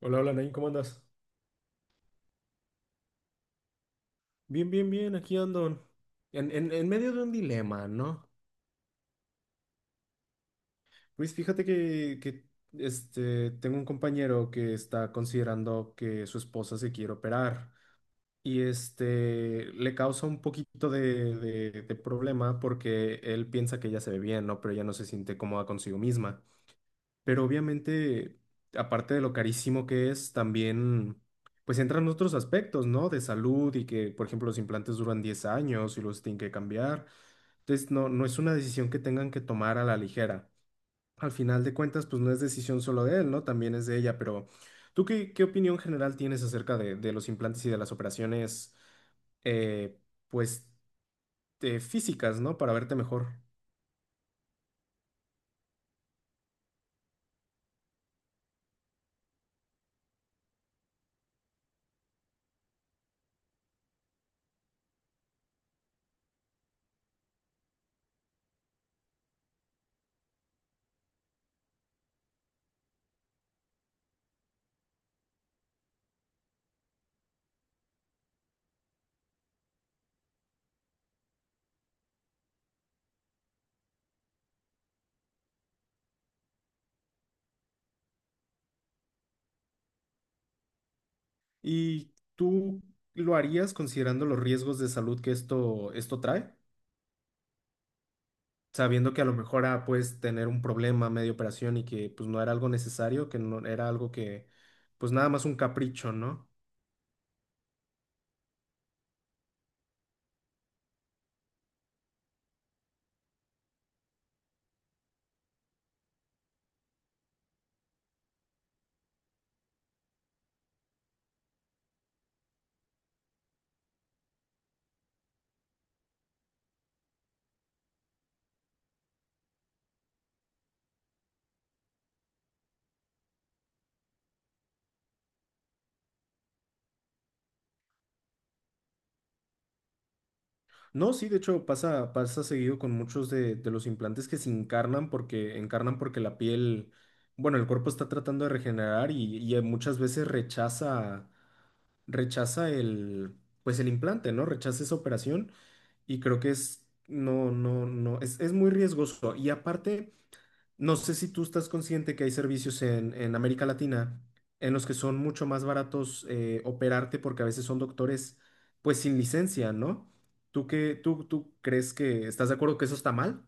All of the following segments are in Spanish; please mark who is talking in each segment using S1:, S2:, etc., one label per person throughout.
S1: Hola, hola, Nain, ¿cómo andas? Bien, bien, bien, aquí ando. En medio de un dilema, ¿no? Luis, fíjate que tengo un compañero que está considerando que su esposa se quiere operar y le causa un poquito de problema porque él piensa que ella se ve bien, ¿no? Pero ella no se siente cómoda consigo misma. Pero obviamente, aparte de lo carísimo que es, también pues entran otros aspectos, ¿no? De salud y que, por ejemplo, los implantes duran 10 años y los tienen que cambiar. Entonces, no, no es una decisión que tengan que tomar a la ligera. Al final de cuentas, pues no es decisión solo de él, ¿no? También es de ella, pero ¿tú qué opinión general tienes acerca de los implantes y de las operaciones, eh, pues, físicas, ¿no? Para verte mejor. ¿Y tú lo harías considerando los riesgos de salud que esto trae? Sabiendo que a lo mejor puedes tener un problema medio operación y que pues no era algo necesario, que no era algo que pues nada más un capricho, ¿no? No, sí, de hecho pasa, pasa seguido con muchos de los implantes que se encarnan porque la piel, bueno, el cuerpo está tratando de regenerar y muchas veces rechaza, rechaza el, pues el implante, ¿no? Rechaza esa operación y creo que es, no, no, no, es muy riesgoso. Y aparte... No sé si tú estás consciente que hay servicios en América Latina en los que son mucho más baratos operarte porque a veces son doctores pues sin licencia, ¿no? ¿Tú qué, tú crees que estás de acuerdo que eso está mal?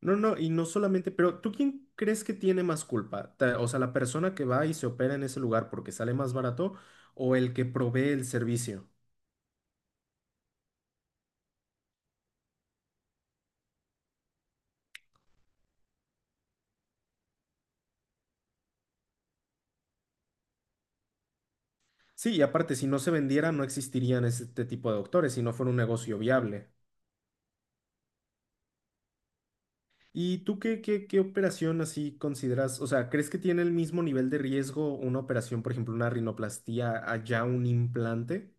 S1: No, no, y no solamente, pero ¿tú quién crees que tiene más culpa? O sea, la persona que va y se opera en ese lugar porque sale más barato o el que provee el servicio. Sí, y aparte, si no se vendiera, no existirían este tipo de doctores, si no fuera un negocio viable. ¿Y tú qué operación así consideras? O sea, ¿crees que tiene el mismo nivel de riesgo una operación, por ejemplo, una rinoplastía, allá un implante?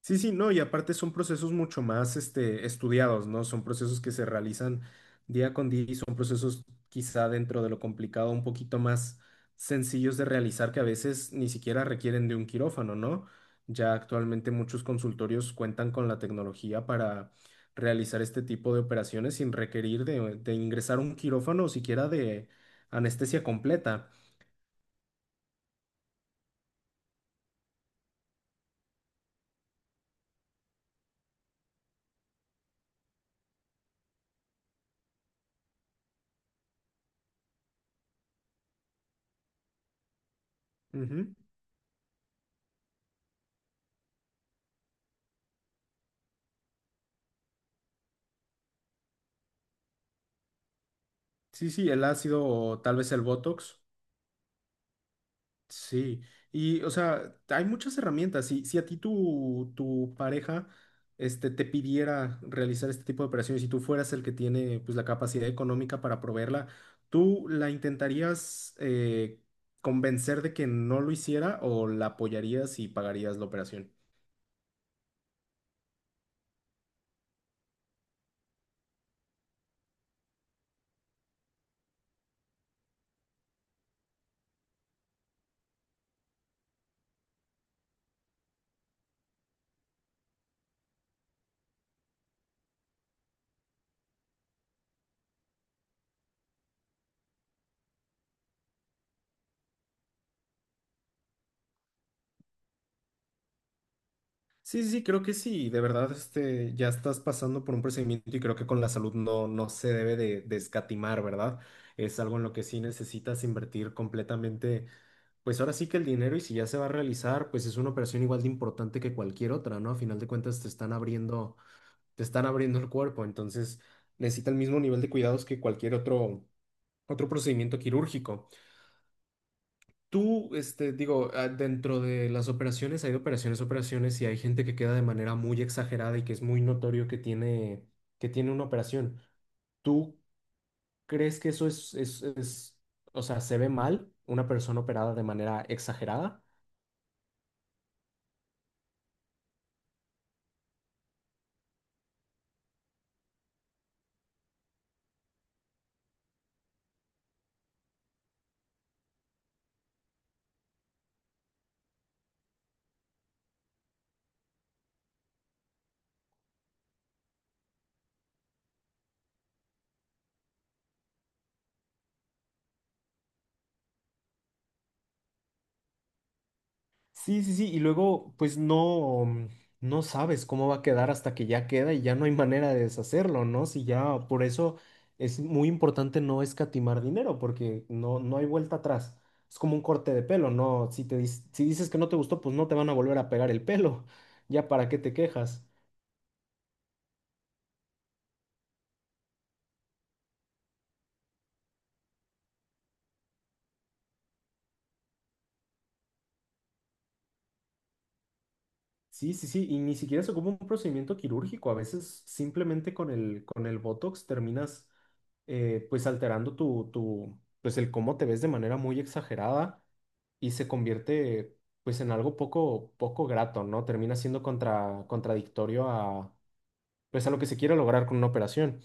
S1: Sí, sí, no, y aparte son procesos mucho más estudiados, ¿no? Son procesos que se realizan día con día y son procesos quizá dentro de lo complicado un poquito más sencillos de realizar que a veces ni siquiera requieren de un quirófano, ¿no? Ya actualmente muchos consultorios cuentan con la tecnología para realizar este tipo de operaciones sin requerir de ingresar un quirófano o siquiera de anestesia completa. Ujú. Sí, sí, el ácido o tal vez el Botox. Sí, y o sea, hay muchas herramientas. Si a ti tu pareja te pidiera realizar este tipo de operaciones y tú fueras el que tiene pues, la capacidad económica para proveerla, ¿tú la intentarías convencer de que no lo hiciera o la apoyarías y pagarías la operación? Sí, sí, creo que sí. De verdad, ya estás pasando por un procedimiento y creo que con la salud no, no se debe de escatimar, ¿verdad? Es algo en lo que sí necesitas invertir completamente. Pues ahora sí que el dinero y si ya se va a realizar, pues es una operación igual de importante que cualquier otra, ¿no? A final de cuentas te están abriendo el cuerpo, entonces necesita el mismo nivel de cuidados que otro procedimiento quirúrgico. Tú, dentro de las operaciones hay de operaciones, a operaciones y hay gente que queda de manera muy exagerada y que es muy notorio que tiene una operación. ¿Tú crees que eso o sea, se ve mal una persona operada de manera exagerada? Sí, sí, sí, y luego pues no, no sabes cómo va a quedar hasta que ya queda y ya no hay manera de deshacerlo, ¿no? Si ya, por eso es muy importante no escatimar dinero porque no, no hay vuelta atrás. Es como un corte de pelo, ¿no? Si te, si dices que no te gustó, pues no te van a volver a pegar el pelo. Ya para qué te quejas. Sí, sí, sí, y ni siquiera se ocupa un procedimiento quirúrgico. A veces simplemente con el Botox terminas pues alterando tu, pues el cómo te ves de manera muy exagerada y se convierte pues en algo poco grato, ¿no? Termina siendo contradictorio a, pues a lo que se quiere lograr con una operación.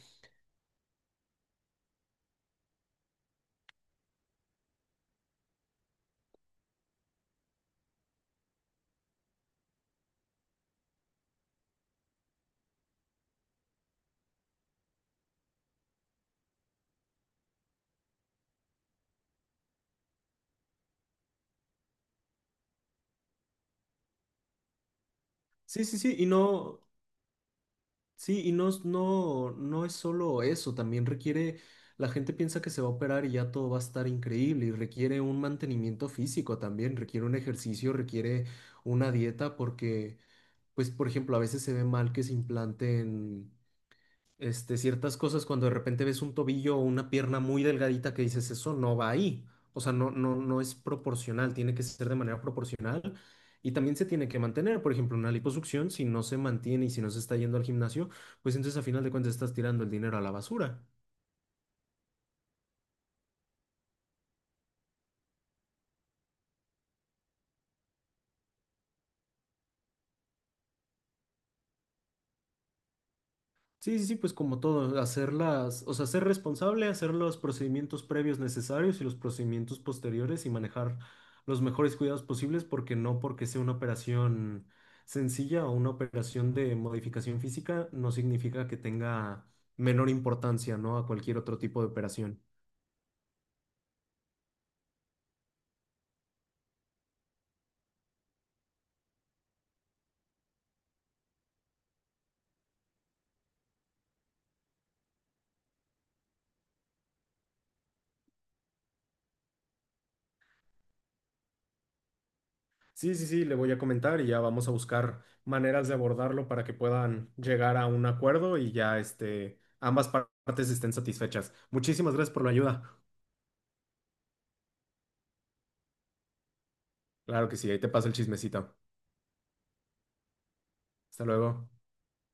S1: Sí, sí, sí, y no, no, no es solo eso, también requiere, la gente piensa que se va a operar y ya todo va a estar increíble, y requiere un mantenimiento físico también, requiere un ejercicio, requiere una dieta, porque, pues, por ejemplo, a veces se ve mal que se implanten ciertas cosas cuando de repente ves un tobillo o una pierna muy delgadita que dices, eso no va ahí. O sea, no, no, no es proporcional, tiene que ser de manera proporcional y también se tiene que mantener. Por ejemplo, una liposucción, si no se mantiene y si no se está yendo al gimnasio, pues entonces a final de cuentas estás tirando el dinero a la basura. Sí, sí, sí, pues como todo, hacerlas, o sea, ser responsable, hacer los procedimientos previos necesarios y los procedimientos posteriores y manejar los mejores cuidados posibles, porque no porque sea una operación sencilla o una operación de modificación física, no significa que tenga menor importancia, ¿no? A cualquier otro tipo de operación. Sí, sí, sí, le voy a comentar y ya vamos a buscar maneras de abordarlo para que puedan llegar a un acuerdo y ya ambas partes estén satisfechas. Muchísimas gracias por la ayuda. Claro que sí, ahí te paso el chismecito. Hasta luego.